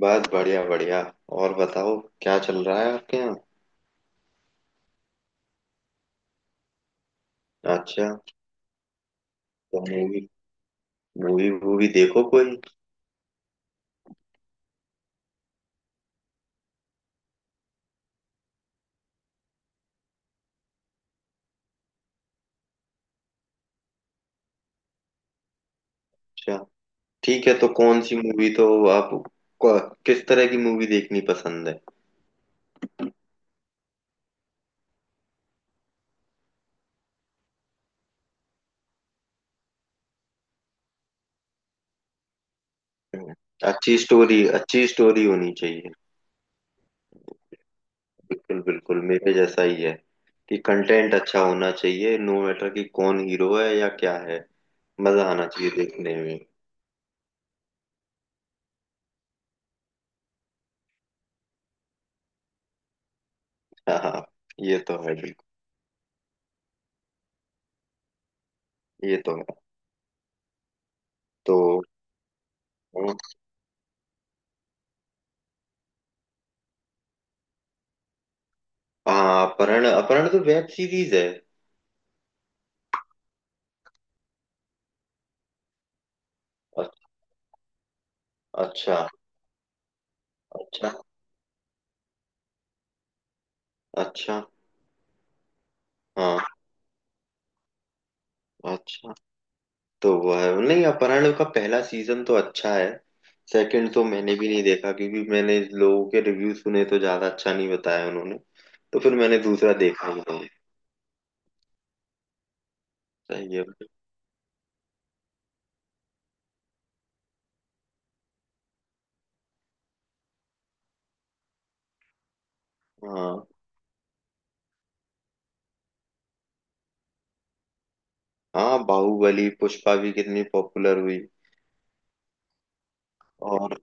बस बढ़िया बढ़िया। और बताओ क्या चल रहा है आपके यहाँ। अच्छा, तो मूवी मूवी वूवी देखो कोई। अच्छा, ठीक है, तो कौन सी मूवी तो आप को- किस तरह की मूवी देखनी पसंद है? हम्म। अच्छी स्टोरी, अच्छी स्टोरी होनी चाहिए। बिल्कुल बिल्कुल, मेरे जैसा ही है कि कंटेंट अच्छा होना चाहिए, नो मैटर कि कौन हीरो है या क्या है। मजा आना चाहिए देखने में। हाँ हाँ, ये तो है बिल्कुल। ये तो है। तो हाँ, अपहरण, अपहरण तो वेब सीरीज है। अच्छा। अच्छा। अच्छा। हाँ, अच्छा, तो वो है नहीं, अपहरण का पहला सीजन तो अच्छा है। सेकंड तो मैंने भी नहीं देखा, क्योंकि मैंने लोगों के रिव्यू सुने तो ज्यादा अच्छा नहीं बताया उन्होंने। तो फिर मैंने दूसरा देखा ही नहीं। सही है। हाँ, हाँ बाहुबली, पुष्पा भी कितनी पॉपुलर हुई। और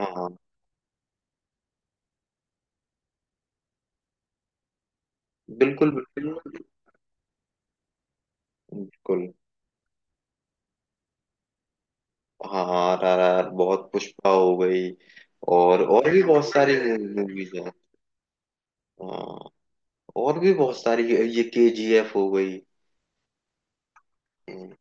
हाँ, बिल्कुल बिल्कुल। बिल्कुल। हाँ, RRR बहुत, पुष्पा हो गई। और भी बहुत सारी मूवीज हैं। हाँ, और भी बहुत सारी। ये KGF हो गई। हम्म,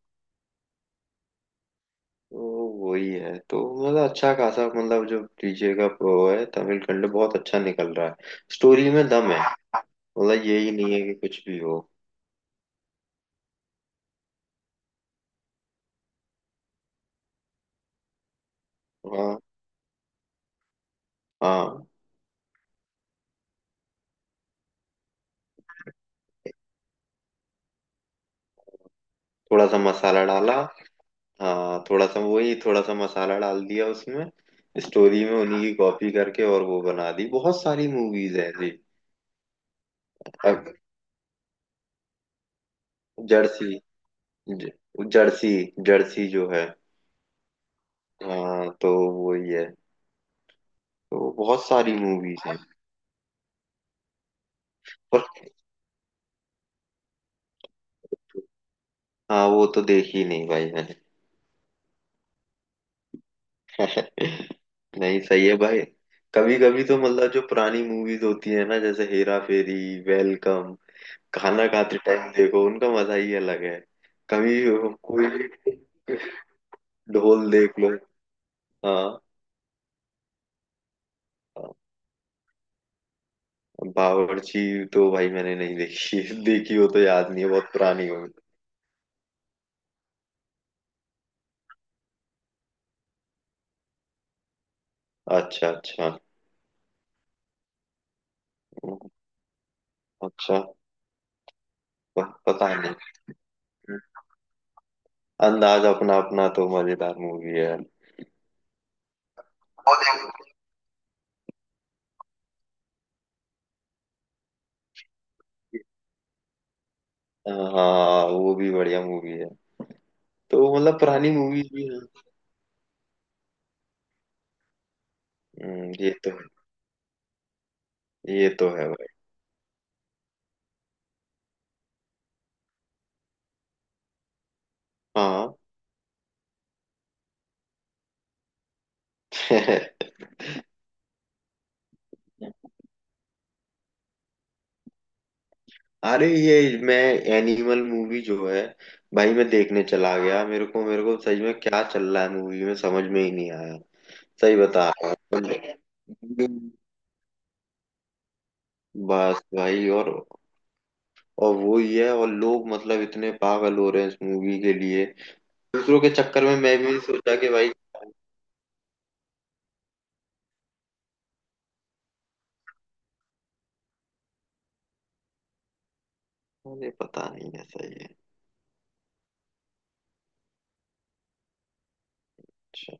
तो वही है तो। मतलब अच्छा खासा, मतलब जो डीजे का वो है, तमिल कंटेंट बहुत अच्छा निकल रहा है। स्टोरी में दम है। मतलब यही नहीं है कि कुछ भी हो। हाँ हाँ, थोड़ा सा मसाला डाला। हाँ थोड़ा सा, वही थोड़ा सा मसाला डाल दिया उसमें। स्टोरी में उन्हीं की कॉपी करके, और वो बना दी, बहुत सारी मूवीज है जी। अब जर्सी, ज- जर्सी, जर्सी जो है, हाँ, तो वही है। तो बहुत सारी मूवीज हैं। पर हाँ, वो तो देखी नहीं भाई मैंने। नहीं, सही है भाई। कभी कभी तो मतलब जो पुरानी मूवीज होती है ना, जैसे हेरा फेरी, वेलकम, खाना खाते टाइम देखो, उनका मजा ही अलग है। कभी कोई भी ढोल देख लो। हाँ। हाँ। बावर्ची तो भाई मैंने नहीं देखी। देखी हो तो याद नहीं है, बहुत पुरानी हो। अच्छा अच्छा। अच्छा। पता नहीं। अंदाज अपना अपना तो मजेदार मूवी है। हाँ, वो भी बढ़िया मूवी है। तो मतलब पुरानी मूवी भी है। ये तो है। ये तो है भाई। हाँ। अरे ये, मैं एनिमल मूवी जो है भाई, मैं देखने चला गया, मेरे को सच में क्या चल रहा है मूवी में समझ में ही नहीं आया। सही बता रहा हूँ। बस भाई, और वो ही है, और लोग मतलब इतने पागल हो रहे हैं इस मूवी के लिए। दूसरों के चक्कर में मैं भी सोचा कि भाई, अरे पता नहीं, ऐसा ही है। अच्छा।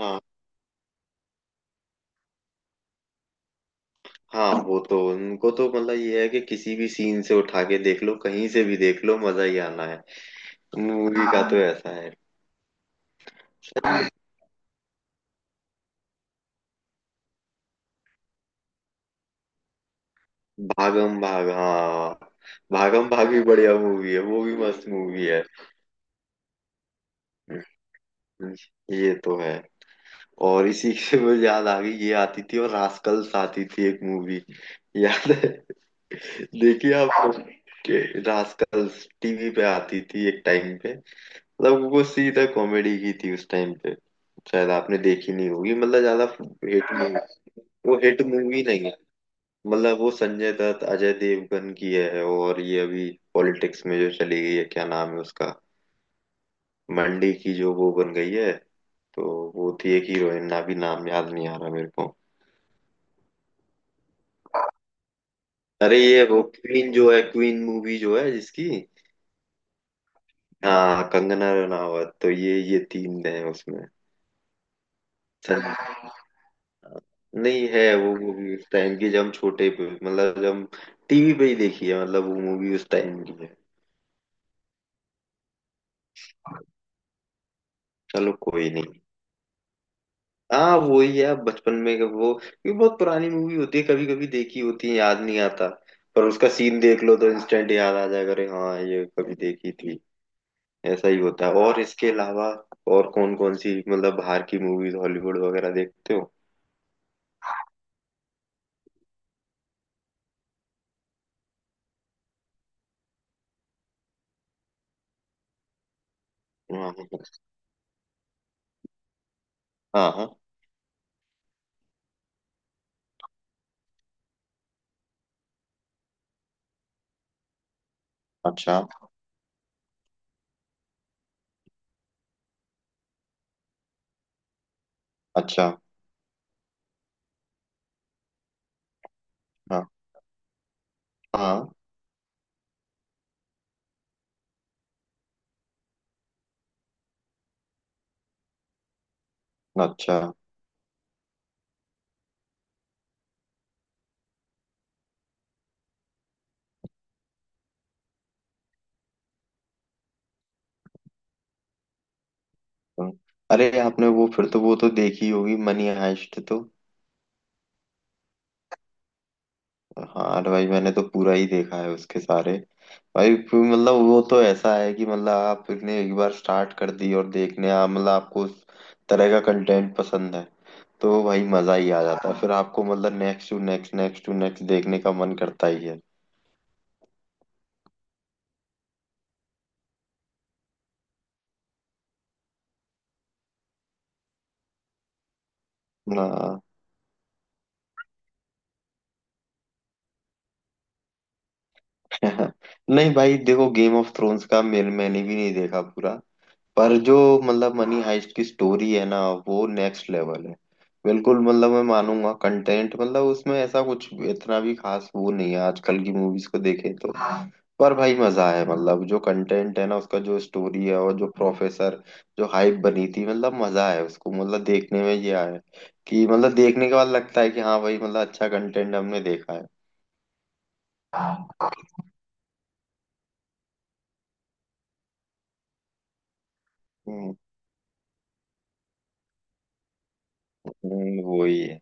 हाँ। हाँ वो तो उनको तो मतलब ये है कि किसी भी सीन से उठा के देख लो, कहीं से भी देख लो, मजा ही आना है मूवी का। तो हाँ, ऐसा है। भागम भाग, हाँ भागम भाग भी बढ़िया मूवी है, वो भी मस्त मूवी है। ये तो है। और इसी से मुझे याद आ गई, ये आती थी और रास्कल्स आती थी, एक मूवी। याद है? देखिए आप। रास्कल्स टीवी पे आती थी एक टाइम पे। मतलब वो सीधा कॉमेडी की थी उस टाइम पे। शायद आपने देखी नहीं होगी मतलब ज्यादा हिट मूवी। वो हिट मूवी नहीं है। मतलब वो संजय दत्त अजय देवगन की है, और ये अभी पॉलिटिक्स में जो चली गई है, क्या नाम है उसका, मंडी की जो वो बन गई है, तो वो थी एक हीरोइन, ना भी नाम याद नहीं आ रहा मेरे को। अरे ये वो क्वीन जो है, क्वीन मूवी जो है जिसकी। हाँ कंगना रनावत, तो ये तीन हैं उसमें। नहीं है वो मूवी उस टाइम की, जब हम छोटे पे, मतलब जब हम टीवी पे ही देखी है, मतलब वो मूवी उस टाइम की है। चलो कोई नहीं। हाँ वो ही है, बचपन में का वो, क्योंकि बहुत पुरानी मूवी होती है, कभी कभी देखी होती है याद नहीं आता। पर उसका सीन देख लो तो इंस्टेंट याद आ जाएगा, अरे हाँ ये कभी देखी थी। ऐसा ही होता है। और इसके अलावा और कौन कौन सी मतलब बाहर की मूवीज, हॉलीवुड वगैरह देखते हो? हाँ, हाँ, हाँ, हाँ, हाँ। अच्छा। अच्छा। हाँ। हाँ। अच्छा। हम्म। अरे आपने वो फिर तो वो तो देखी होगी, मनी हाइस्ट तो। हाँ, अरे भाई मैंने तो पूरा ही देखा है, उसके सारे। भाई फिर मतलब वो तो ऐसा है कि मतलब आपने एक बार स्टार्ट कर दी और देखने, आप मतलब आपको उस तरह का कंटेंट पसंद है, तो भाई मजा ही आ जाता है। फिर आपको मतलब next to next, next to next देखने का मन करता ही है। हाँ। नहीं भाई देखो, गेम ऑफ थ्रोन्स का मेरे, मैंने भी नहीं देखा पूरा। पर जो, मतलब मनी हाइस्ट की स्टोरी है ना, वो नेक्स्ट लेवल है। बिल्कुल, मतलब मैं मानूंगा कंटेंट, मतलब उसमें ऐसा कुछ इतना भी खास वो नहीं है, आजकल की मूवीज को देखे तो। हाँ। पर भाई मजा है, मतलब जो कंटेंट है ना उसका, जो स्टोरी है और जो प्रोफेसर, जो हाइप बनी थी, मतलब मजा है उसको मतलब देखने में। ये आया कि मतलब देखने के बाद लगता है कि हाँ भाई, मतलब अच्छा कंटेंट हमने देखा है। हाँ। हम्म, वही है।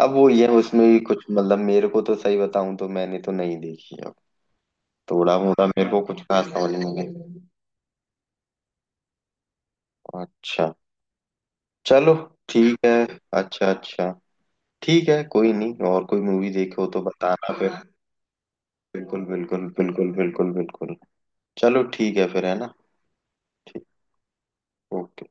अब वो ये उसमें भी कुछ, मतलब मेरे को तो सही बताऊं तो मैंने तो नहीं देखी अब, थोड़ा मोड़ा, मेरे को कुछ खास समझ नहीं गया। अच्छा। चलो ठीक है। अच्छा अच्छा। ठीक है कोई नहीं, और कोई मूवी देखो तो बताना फिर। बिल्कुल बिल्कुल बिल्कुल बिल्कुल बिल्कुल, चलो ठीक है फिर, है ना? ठीक। ओके।